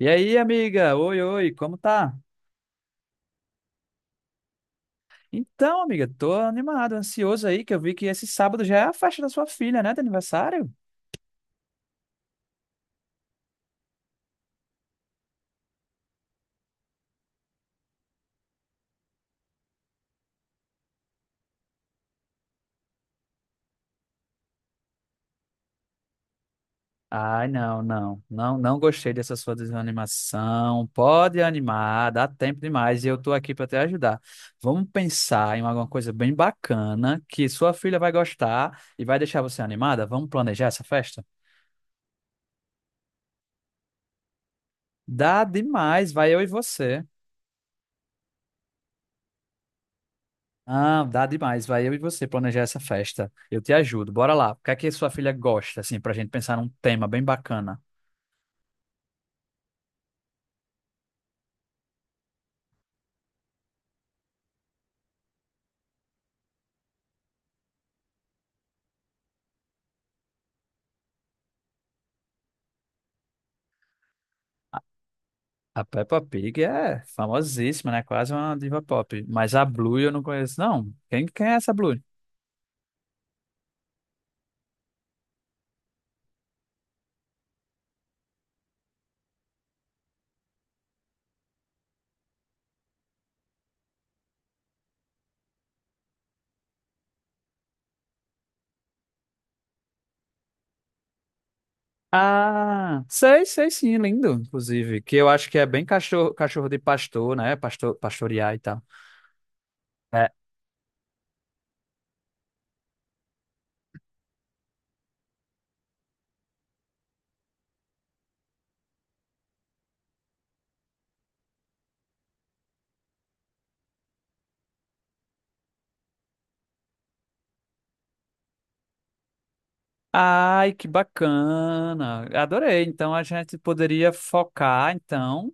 E aí, amiga? Oi, oi, como tá? Então, amiga, tô animado, ansioso aí, que eu vi que esse sábado já é a festa da sua filha, né, de aniversário? Ai, não, não, não, não gostei dessa sua desanimação. Pode animar, dá tempo demais e eu tô aqui pra te ajudar. Vamos pensar em alguma coisa bem bacana que sua filha vai gostar e vai deixar você animada? Vamos planejar essa festa? Dá demais, vai eu e você. Ah, dá demais. Vai eu e você planejar essa festa. Eu te ajudo. Bora lá. O que é que sua filha gosta, assim, pra gente pensar num tema bem bacana? A Peppa Pig é famosíssima, né? Quase uma diva pop. Mas a Blue eu não conheço, não. Quem é essa Blue? Ah, sei sim, lindo, inclusive. Que eu acho que é bem cachorro, cachorro de pastor, né? Pastor, pastorear e tal. É. Ai, que bacana. Adorei. Então a gente poderia focar, então,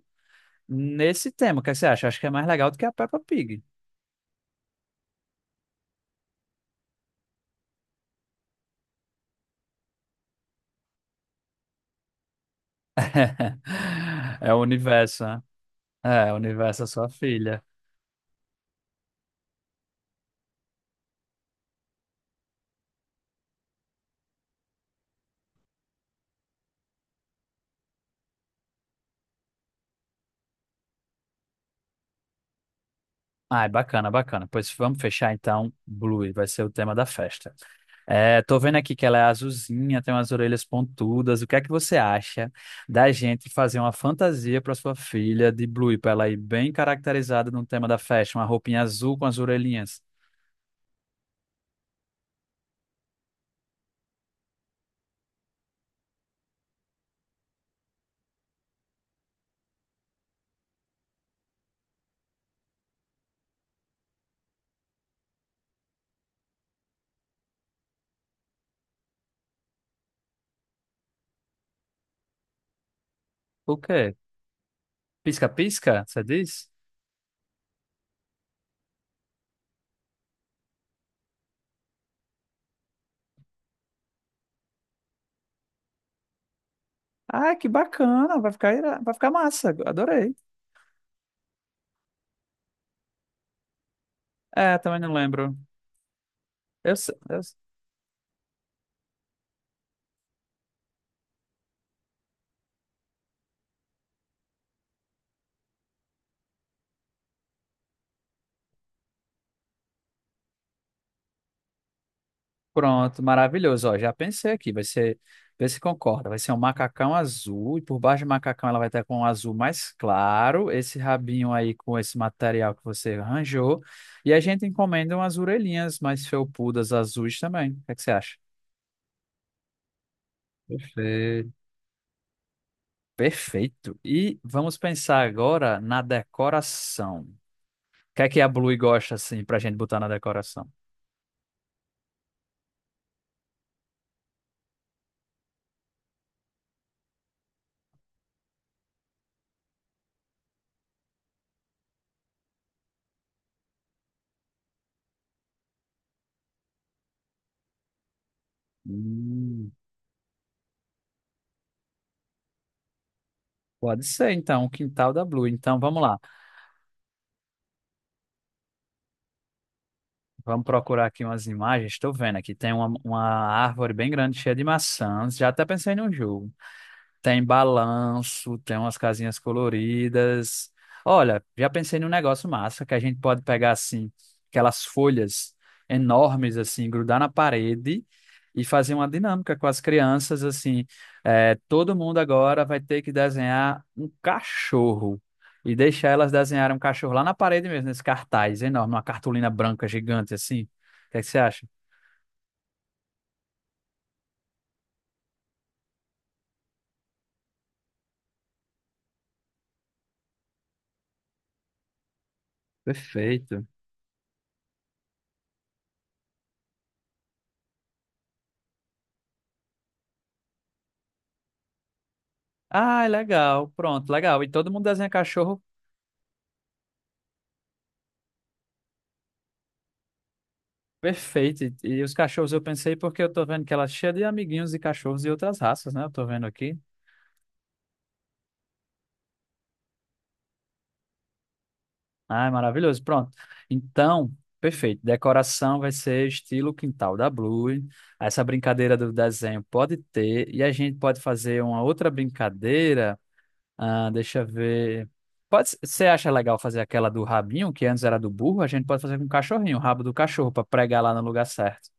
nesse tema. O que você acha? Acho que é mais legal do que a Peppa Pig. É o universo, né? É, o universo é sua filha. Ah, é bacana, bacana. Pois vamos fechar então, Blue, vai ser o tema da festa. É, tô vendo aqui que ela é azulzinha, tem umas orelhas pontudas. O que é que você acha da gente fazer uma fantasia para sua filha de Blue, para ela ir bem caracterizada no tema da festa, uma roupinha azul com as orelhinhas? O quê? Pisca-pisca, você diz? Ah, que bacana, vai ficar, vai ficar massa, adorei. É, também não lembro. Eu, se- eu, Pronto, maravilhoso. Ó, já pensei aqui, vai ser, vê se concorda. Vai ser um macacão azul, e por baixo do macacão ela vai estar com um azul mais claro, esse rabinho aí com esse material que você arranjou. E a gente encomenda umas orelhinhas mais felpudas azuis também. O que é que você acha? Perfeito. Perfeito. E vamos pensar agora na decoração. O que é que a Blue gosta assim pra gente botar na decoração? Hum, pode ser, então, o quintal da Blue. Então vamos lá. Vamos procurar aqui umas imagens. Estou vendo aqui. Tem uma árvore bem grande, cheia de maçãs. Já até pensei num jogo. Tem balanço, tem umas casinhas coloridas. Olha, já pensei num negócio massa que a gente pode pegar assim, aquelas folhas enormes assim, grudar na parede e fazer uma dinâmica com as crianças assim. É, todo mundo agora vai ter que desenhar um cachorro e deixar elas desenharem um cachorro lá na parede mesmo, nesse cartaz enorme, uma cartolina branca gigante assim. O que é que você acha? Perfeito. Ah, legal, pronto, legal. E todo mundo desenha cachorro. Perfeito. E os cachorros eu pensei porque eu tô vendo que ela é cheia de amiguinhos de cachorros e outras raças, né? Eu tô vendo aqui. Ah, é maravilhoso. Pronto. Então, perfeito. Decoração vai ser estilo quintal da Blue. Essa brincadeira do desenho pode ter. E a gente pode fazer uma outra brincadeira. Ah, deixa eu ver. Pode, você acha legal fazer aquela do rabinho, que antes era do burro? A gente pode fazer com o cachorrinho, o rabo do cachorro, para pregar lá no lugar certo.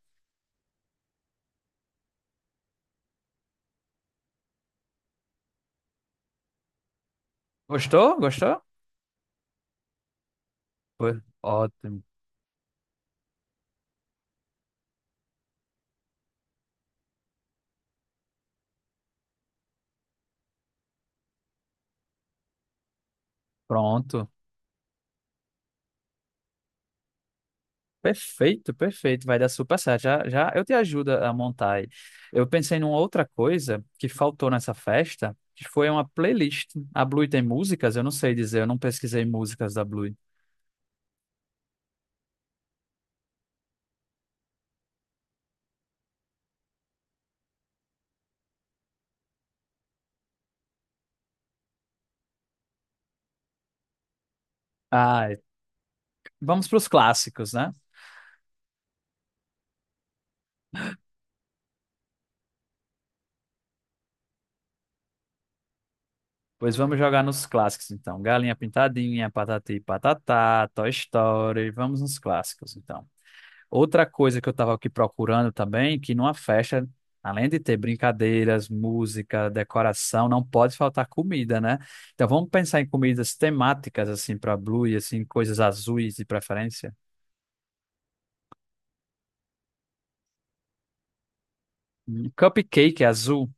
Gostou? Gostou? Foi ótimo. Pronto. Perfeito, perfeito, vai dar super certo. Já, já eu te ajudo a montar aí. Eu pensei numa outra coisa que faltou nessa festa, que foi uma playlist. A Blue tem músicas? Eu não sei dizer, eu não pesquisei músicas da Blue. Ah, é. Vamos para os clássicos, né? Pois vamos jogar nos clássicos, então. Galinha Pintadinha, Patati e Patatá, Toy Story, vamos nos clássicos, então. Outra coisa que eu estava aqui procurando também, que numa festa, além de ter brincadeiras, música, decoração, não pode faltar comida, né? Então vamos pensar em comidas temáticas assim para Blue e assim coisas azuis de preferência. Cupcake azul.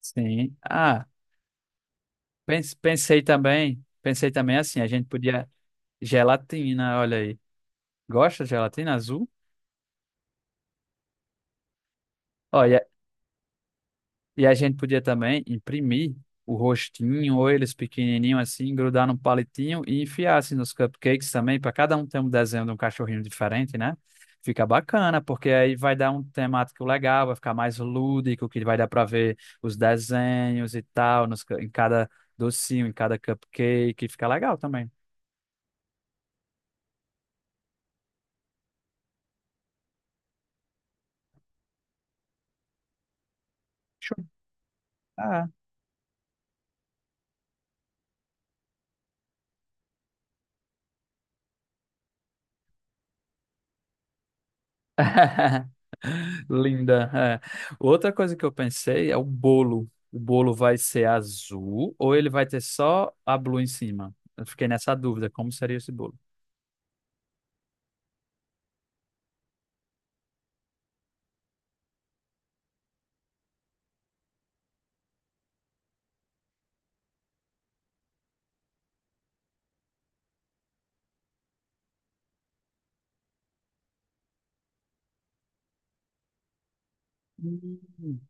Sim. Ah, pensei também assim, a gente podia gelatina, olha aí. Gosta de gelatina azul? Olha, e a gente podia também imprimir o rostinho ou eles pequenininho assim, grudar num palitinho e enfiar assim nos cupcakes também, para cada um ter um desenho de um cachorrinho diferente, né? Fica bacana, porque aí vai dar um temático legal, vai ficar mais lúdico, que vai dar para ver os desenhos e tal, nos, em cada docinho, em cada cupcake, fica legal também. Show. Ah, Linda. É. Outra coisa que eu pensei é o bolo. O bolo vai ser azul ou ele vai ter só a Blue em cima? Eu fiquei nessa dúvida, como seria esse bolo? Hum.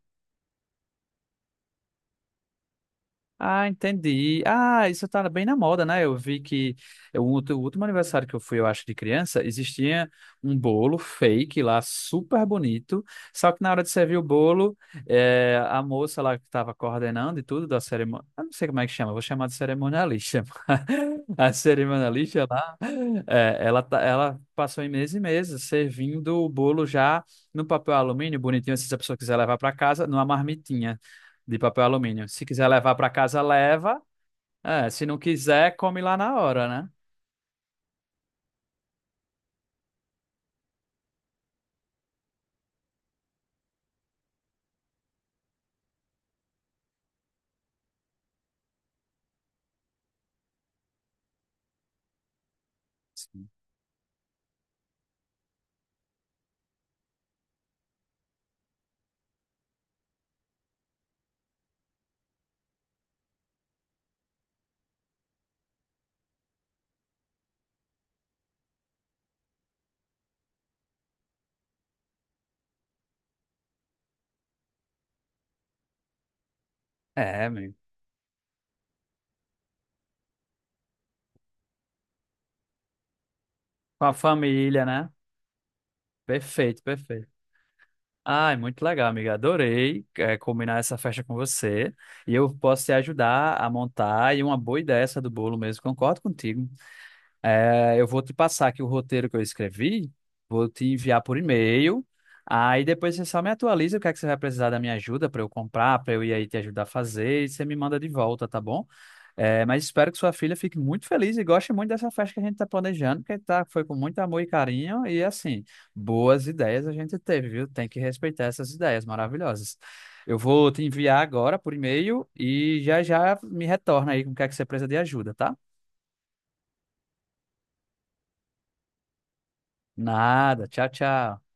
Ah, entendi. Ah, isso tá bem na moda, né? Eu vi que o último aniversário que eu fui, eu acho, de criança, existia um bolo fake lá, super bonito. Só que na hora de servir o bolo, a moça lá que estava coordenando e tudo da cerimônia, eu não sei como é que chama, eu vou chamar de cerimonialista. A cerimonialista lá, ela passou em meses e meses servindo o bolo já no papel alumínio, bonitinho, assim, se a pessoa quiser levar para casa, numa marmitinha de papel alumínio. Se quiser levar para casa, leva. É, se não quiser, come lá na hora, né? Sim. É, amigo. Com a família, né? Perfeito, perfeito. Ai, muito legal, amiga. Adorei, é, combinar essa festa com você. E eu posso te ajudar a montar. E uma boa ideia essa do bolo mesmo, concordo contigo. É, eu vou te passar aqui o roteiro que eu escrevi, vou te enviar por e-mail. Aí depois você só me atualiza o que é que você vai precisar da minha ajuda para eu comprar, para eu ir aí te ajudar a fazer. E você me manda de volta, tá bom? É, mas espero que sua filha fique muito feliz e goste muito dessa festa que a gente está planejando, porque tá, foi com muito amor e carinho. E assim, boas ideias a gente teve, viu? Tem que respeitar essas ideias maravilhosas. Eu vou te enviar agora por e-mail e já já me retorna aí com o que é que você precisa de ajuda, tá? Nada. Tchau, tchau.